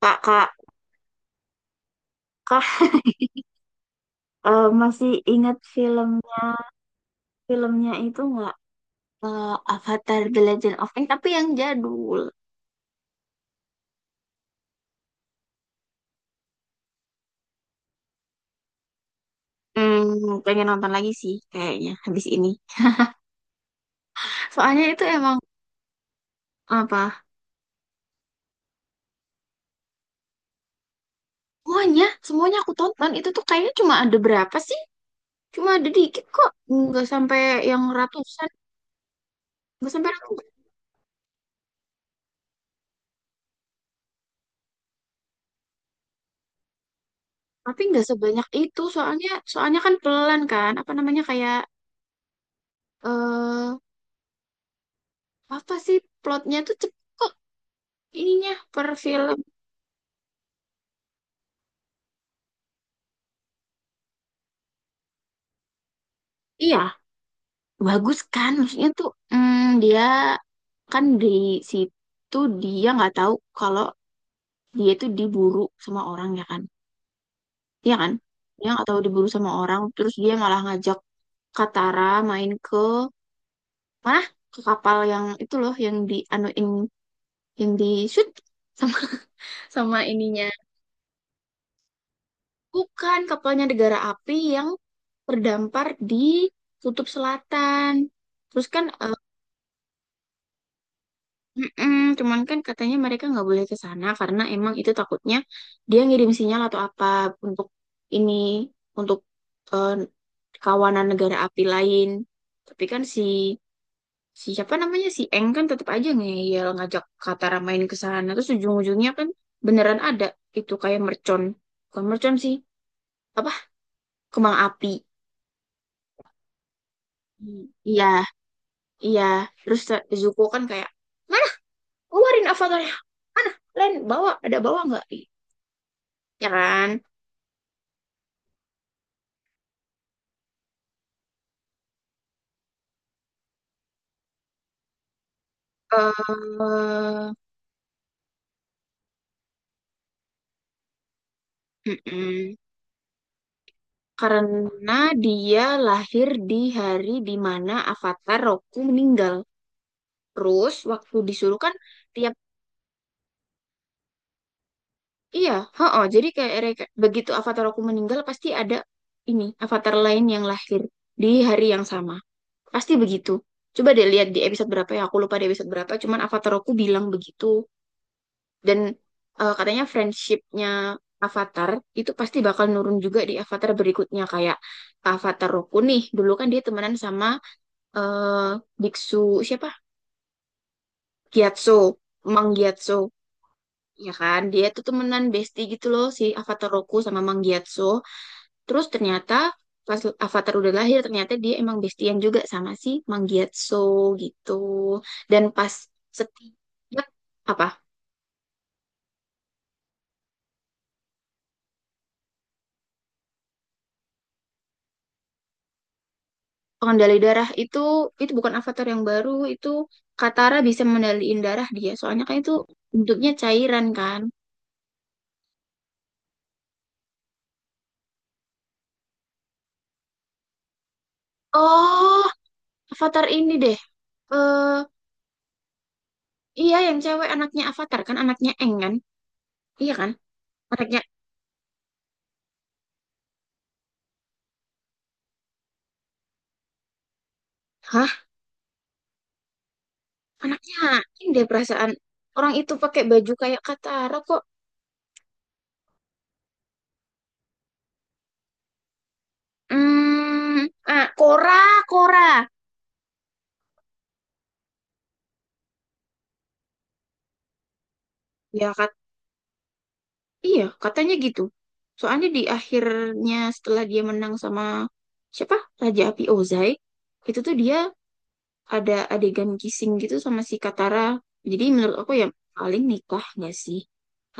Kak, Kak, Kak, masih ingat film filmnya itu, nggak Eh, Avatar The Legend of Aang, tapi yang jadul. Pengen nonton lagi sih kayaknya habis ini. Soalnya itu emang apa? Semuanya, semuanya aku tonton itu tuh kayaknya cuma ada berapa sih? Cuma ada dikit kok, nggak sampai yang ratusan, nggak sampai ratusan. Tapi nggak sebanyak itu soalnya, soalnya kan pelan kan, apa namanya kayak eh apa sih plotnya tuh cepet kok ininya per film. Iya, bagus kan maksudnya tuh dia kan di situ dia nggak tahu kalau dia tuh diburu sama orang, ya kan? Iya kan, dia nggak tahu diburu sama orang terus dia malah ngajak Katara main ke mana, ke kapal yang itu loh yang di anuin, yang di shoot sama sama ininya, bukan kapalnya negara api yang terdampar di Kutub Selatan. Terus kan mm-mm, cuman kan katanya mereka nggak boleh ke sana karena emang itu takutnya dia ngirim sinyal atau apa untuk ini untuk eh, kawanan negara api lain. Tapi kan si si siapa namanya si Eng kan tetap aja ngeyel ngajak Katara main ke sana. Terus ujung-ujungnya kan beneran ada itu kayak mercon. Bukan mercon sih. Apa? Kembang api. Hmm. Iya, iya. Terus Zuko kan kayak, mana? Keluarin avatarnya. Mana? Len, bawa. Ada bawa nggak? Ya kan? eh mm-mm. Karena dia lahir di hari di mana Avatar Roku meninggal. Terus waktu disuruh kan tiap, iya, heeh, jadi kayak begitu Avatar Roku meninggal pasti ada ini Avatar lain yang lahir di hari yang sama. Pasti begitu. Coba deh lihat di episode berapa ya, aku lupa di episode berapa, cuman Avatar Roku bilang begitu. Dan katanya friendshipnya Avatar itu pasti bakal nurun juga di Avatar berikutnya kayak Avatar Roku nih. Dulu kan dia temenan sama eh, biksu siapa? Gyatso, Mang Gyatso. Ya kan, dia tuh temenan bestie gitu loh si Avatar Roku sama Mang Gyatso. Terus ternyata pas Avatar udah lahir ternyata dia emang bestian juga sama si Mang Gyatso gitu. Dan pas setiap apa? Pengendali darah itu bukan avatar yang baru. Itu Katara bisa mengendaliin darah dia soalnya kan itu bentuknya cairan kan. Oh, avatar ini deh, eh iya yang cewek, anaknya avatar kan, anaknya Eng kan, iya kan, anaknya. Hah, anaknya Eng deh perasaan, orang itu pakai baju kayak Katara kok. Hmm, ah, Korra, Korra. Ya. Iya, katanya gitu. Soalnya di akhirnya setelah dia menang sama siapa? Raja Api Ozai, itu tuh dia ada adegan kissing gitu sama si Katara. Jadi menurut aku ya paling nikah nggak sih?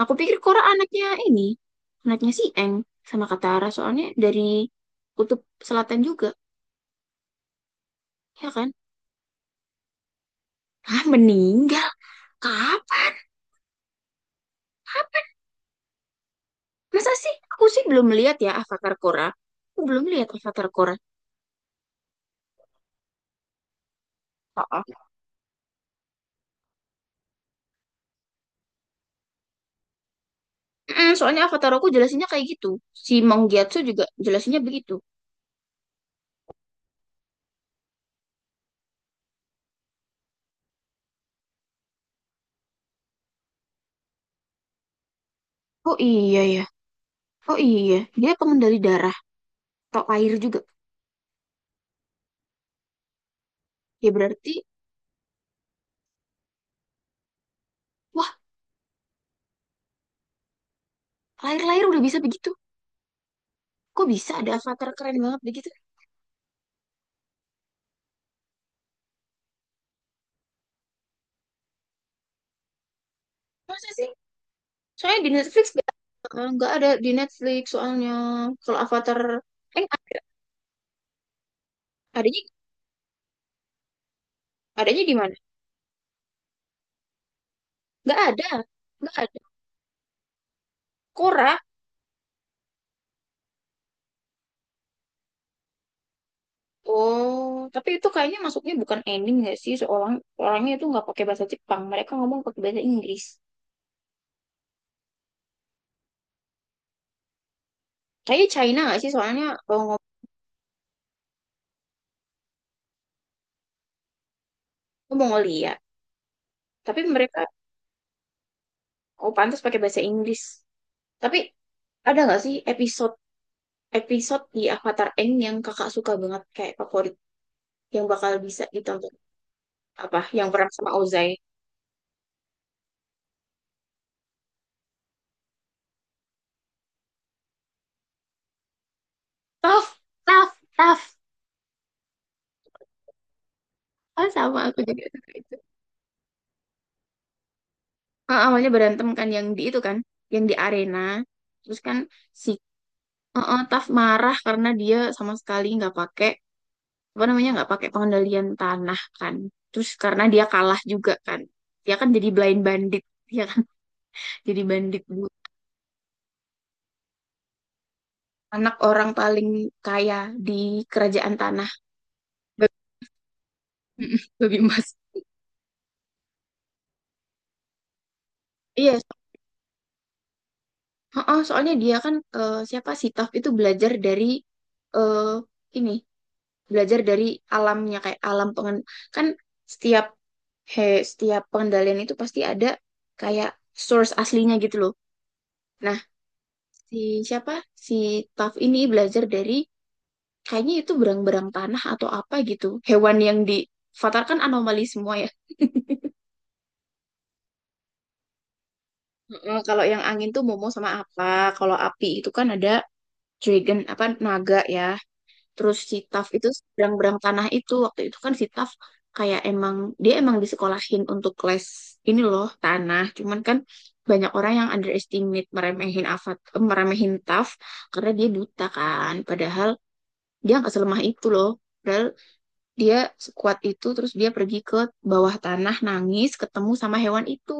Aku pikir Korra anaknya ini, anaknya si Eng sama Katara. Soalnya dari kutub selatan juga, ya kan? Ah, meninggal. Kapan? Masa sih? Aku sih belum lihat ya Avatar Korra. Aku belum lihat Avatar Korra. Mm, soalnya Avatarku jelasinnya kayak gitu. Si Manggiatsu juga jelasinnya begitu. Oh iya ya. Oh iya. Dia pengendali darah atau air juga. Ya berarti, wah, lahir-lahir udah bisa begitu. Kok bisa ada Avatar keren banget begitu? Masa sih? Soalnya di Netflix nggak ada di Netflix soalnya kalau Avatar ada. Adanya, adanya di mana? Nggak ada. Nggak ada. Korra. Oh, tapi itu kayaknya masuknya bukan ending nggak sih? Seorang orangnya itu nggak pakai bahasa Jepang, mereka ngomong pakai bahasa Inggris. Kayaknya China nggak sih? Soalnya kalau ngomong Mongolia. Tapi mereka, oh pantas pakai bahasa Inggris. Tapi ada nggak sih episode episode di Avatar Aang yang kakak suka banget kayak favorit, yang bakal bisa ditonton, apa yang perang sama Ozai? Tough, tough, tough. Oh, sama aku juga suka itu. Ah, awalnya berantem kan yang di itu kan, yang di arena. Terus kan si Taf marah karena dia sama sekali nggak pakai apa namanya, nggak pakai pengendalian tanah kan, terus karena dia kalah juga kan dia kan jadi blind bandit, dia kan jadi bandit bu, anak orang paling kaya di kerajaan tanah. Babi, babi emas. Iya, oh, soalnya dia kan siapa sih Taf itu belajar dari eh ini belajar dari alamnya kayak alam pengen kan setiap, he, setiap pengendalian itu pasti ada kayak source aslinya gitu loh. Nah, si siapa si Taf ini belajar dari kayaknya itu berang-berang tanah atau apa gitu, hewan yang di Avatar kan anomali semua ya. Mm-mm, kalau yang angin tuh Momo sama apa, kalau api itu kan ada dragon apa naga ya, terus si Taf itu berang-berang tanah itu. Waktu itu kan si Taf kayak emang dia emang disekolahin untuk les ini loh tanah, cuman kan banyak orang yang underestimate, meremehin Avatar, meremehin Taf karena dia buta kan, padahal dia nggak selemah itu loh, padahal dia sekuat itu. Terus dia pergi ke bawah tanah nangis ketemu sama hewan itu,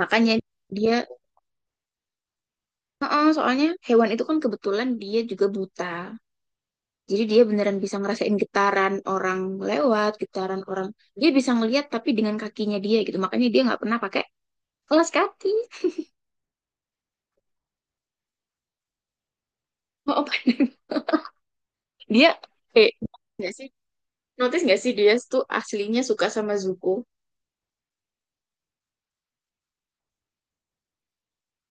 makanya dia, heeh, soalnya hewan itu kan kebetulan dia juga buta jadi dia beneran bisa ngerasain getaran orang, lewat getaran orang dia bisa ngelihat tapi dengan kakinya dia gitu, makanya dia nggak pernah pakai kelas kaki. Oh, dia, eh nggak sih notice nggak sih dia tuh aslinya suka sama Zuko.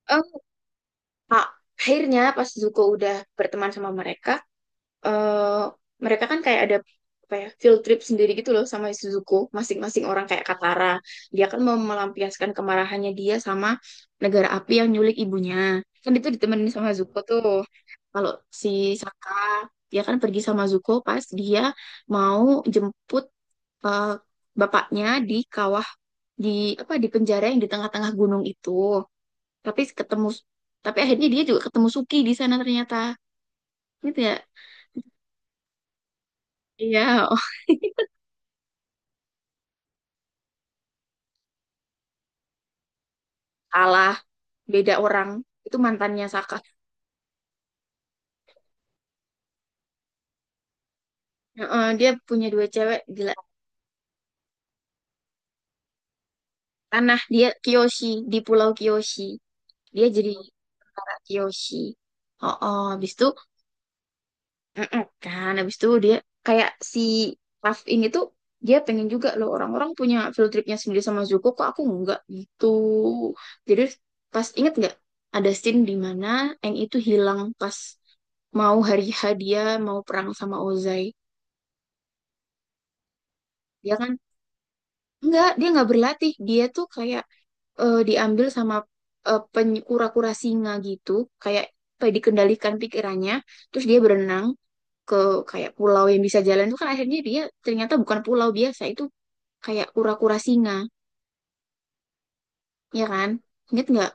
Eh, Pak, akhirnya pas Zuko udah berteman sama mereka, eh mereka kan kayak ada apa ya, field trip sendiri gitu loh sama Suzuko, masing-masing orang kayak Katara dia kan mau melampiaskan kemarahannya dia sama negara api yang nyulik ibunya kan, itu ditemenin sama Zuko tuh. Kalau si Saka dia kan pergi sama Zuko pas dia mau jemput eh, bapaknya di kawah, di apa, di penjara yang di tengah-tengah gunung itu, tapi ketemu, tapi akhirnya dia juga ketemu Suki di sana ternyata, gitu ya. Iya, kalah, beda orang, itu mantannya Saka. Heeh, dia punya dua cewek gila. Tanah, dia kyoshi, di Pulau kyoshi, dia jadi tentara Kiyoshi. Oh habis itu, heeh, kan habis itu dia kayak si Raf ini tuh dia pengen juga loh, orang-orang punya field tripnya sendiri sama Zuko kok aku enggak gitu, jadi pas inget nggak ada scene di mana Aang itu hilang pas mau hari hadiah mau perang sama Ozai. Dia kan, enggak, dia nggak berlatih. Dia tuh kayak, diambil sama kura-kura singa gitu, kayak apa ya, dikendalikan pikirannya. Terus dia berenang ke kayak pulau yang bisa jalan itu, kan akhirnya dia ternyata bukan pulau biasa, itu kayak kura-kura singa, ya kan? Ingat nggak?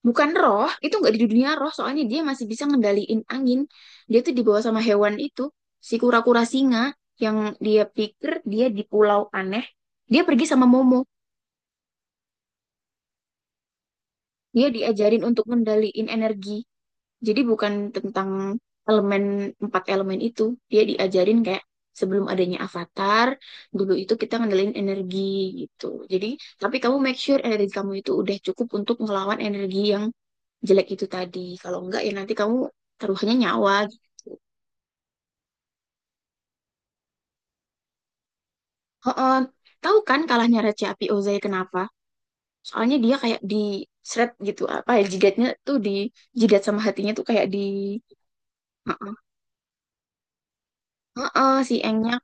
Bukan roh, itu nggak di dunia roh, soalnya dia masih bisa ngendaliin angin. Dia tuh dibawa sama hewan itu, si kura-kura singa, yang dia pikir dia di pulau aneh. Dia pergi sama Momo. Dia diajarin untuk ngendaliin energi. Jadi bukan tentang elemen empat elemen itu, dia diajarin kayak sebelum adanya avatar, dulu itu kita ngendaliin energi gitu. Jadi, tapi kamu make sure energi kamu itu udah cukup untuk ngelawan energi yang jelek itu tadi. Kalau enggak ya nanti kamu taruhannya nyawa gitu. Oh, tahu kan kalahnya Raja Api Ozai kenapa? Soalnya dia kayak di seret gitu, apa ya, jidatnya tuh di jidat sama hatinya tuh kayak di, heeh, heeh, si Engnya.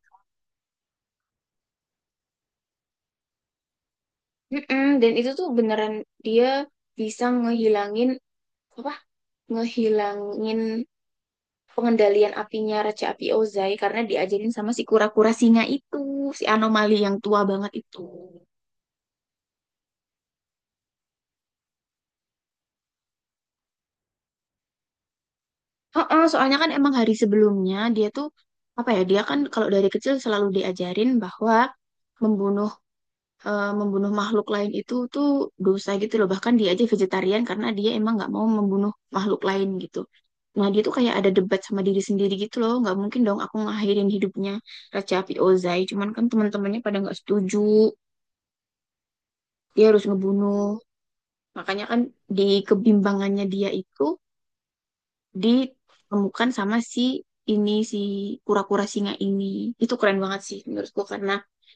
Mm-mm, dan itu tuh beneran dia bisa ngehilangin apa? Ngehilangin pengendalian apinya Raja Api Ozai karena diajarin sama si kura-kura singa itu, si anomali yang tua banget itu. Heeh, soalnya kan emang hari sebelumnya dia tuh apa ya? Dia kan kalau dari kecil selalu diajarin bahwa membunuh, membunuh makhluk lain itu tuh dosa gitu loh. Bahkan dia aja vegetarian karena dia emang nggak mau membunuh makhluk lain gitu. Nah dia tuh kayak ada debat sama diri sendiri gitu loh. Nggak mungkin dong aku ngakhirin hidupnya Raja api Ozai. Cuman kan teman-temannya pada nggak setuju. Dia harus ngebunuh. Makanya kan di kebimbangannya dia itu ditemukan sama si kura-kura singa ini. Itu keren banget sih menurutku karena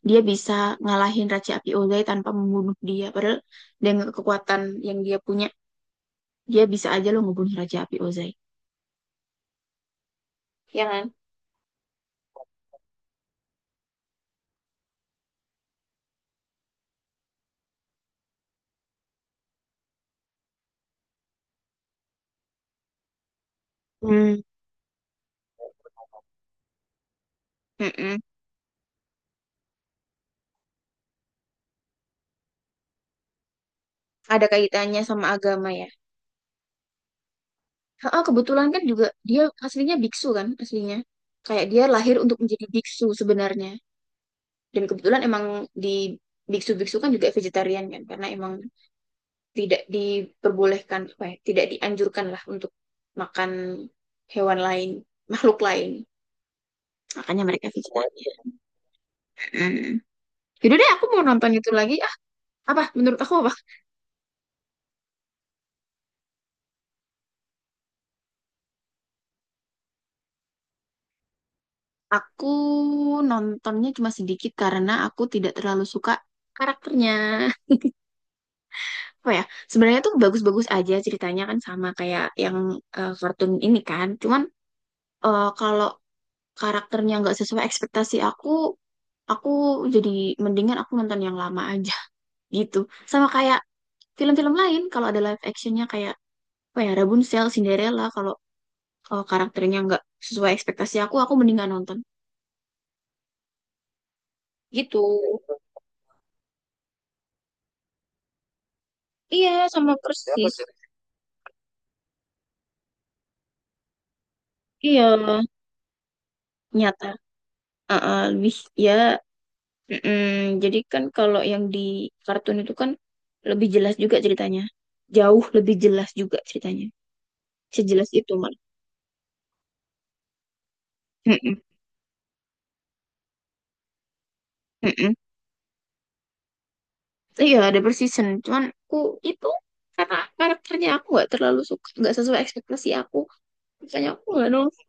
dia bisa ngalahin Raja Api Ozai tanpa membunuh dia. Padahal dengan kekuatan yang dia punya, dia bisa aja loh ngebunuh Raja Api Ozai. Ya kan? Hmm. Mm-mm. Ada kaitannya sama agama ya. Heeh, kebetulan kan juga dia aslinya biksu kan aslinya. Kayak dia lahir untuk menjadi biksu sebenarnya. Dan kebetulan emang di biksu-biksu kan juga vegetarian kan karena emang tidak diperbolehkan apa ya, tidak dianjurkan lah untuk makan hewan lain, makhluk lain, makanya mereka vegetarian. Hmm. Yaudah deh, aku mau nonton itu lagi. Ah, apa? Menurut aku apa? Aku nontonnya cuma sedikit karena aku tidak terlalu suka karakternya. Apa ya? Sebenarnya tuh bagus-bagus aja ceritanya kan sama kayak yang kartun ini kan. Cuman kalau karakternya nggak sesuai ekspektasi aku jadi mendingan aku nonton yang lama aja gitu, sama kayak film-film lain kalau ada live actionnya kayak apa ya, Rapunzel, Cinderella, kalau kalau karakternya nggak sesuai ekspektasi aku mendingan nonton gitu. Iya sama persis. Iya nyata. Uh-uh, lebih ya, mm-mm. Jadi kan kalau yang di kartun itu kan lebih jelas juga ceritanya, jauh lebih jelas juga ceritanya, sejelas itu malah. Mm-mm, mm-mm. Iya, ada per season. Cuman aku itu karena karakternya aku nggak terlalu suka, nggak sesuai ekspektasi aku. Makanya aku nggak nonton.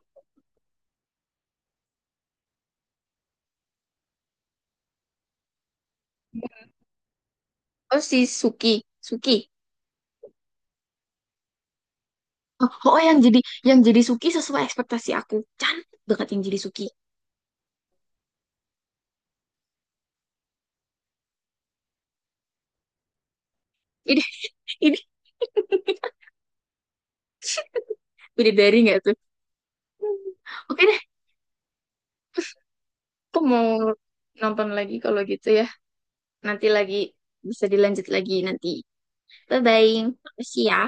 Oh, si Suki, Suki. Oh, oh, yang jadi, yang jadi Suki sesuai ekspektasi aku. Cantik banget yang jadi Suki. Ini ini bidadari nggak tuh? Hmm. Oke deh, aku mau nonton lagi kalau gitu ya. Nanti lagi bisa dilanjut lagi nanti. Bye bye. Makasih ya.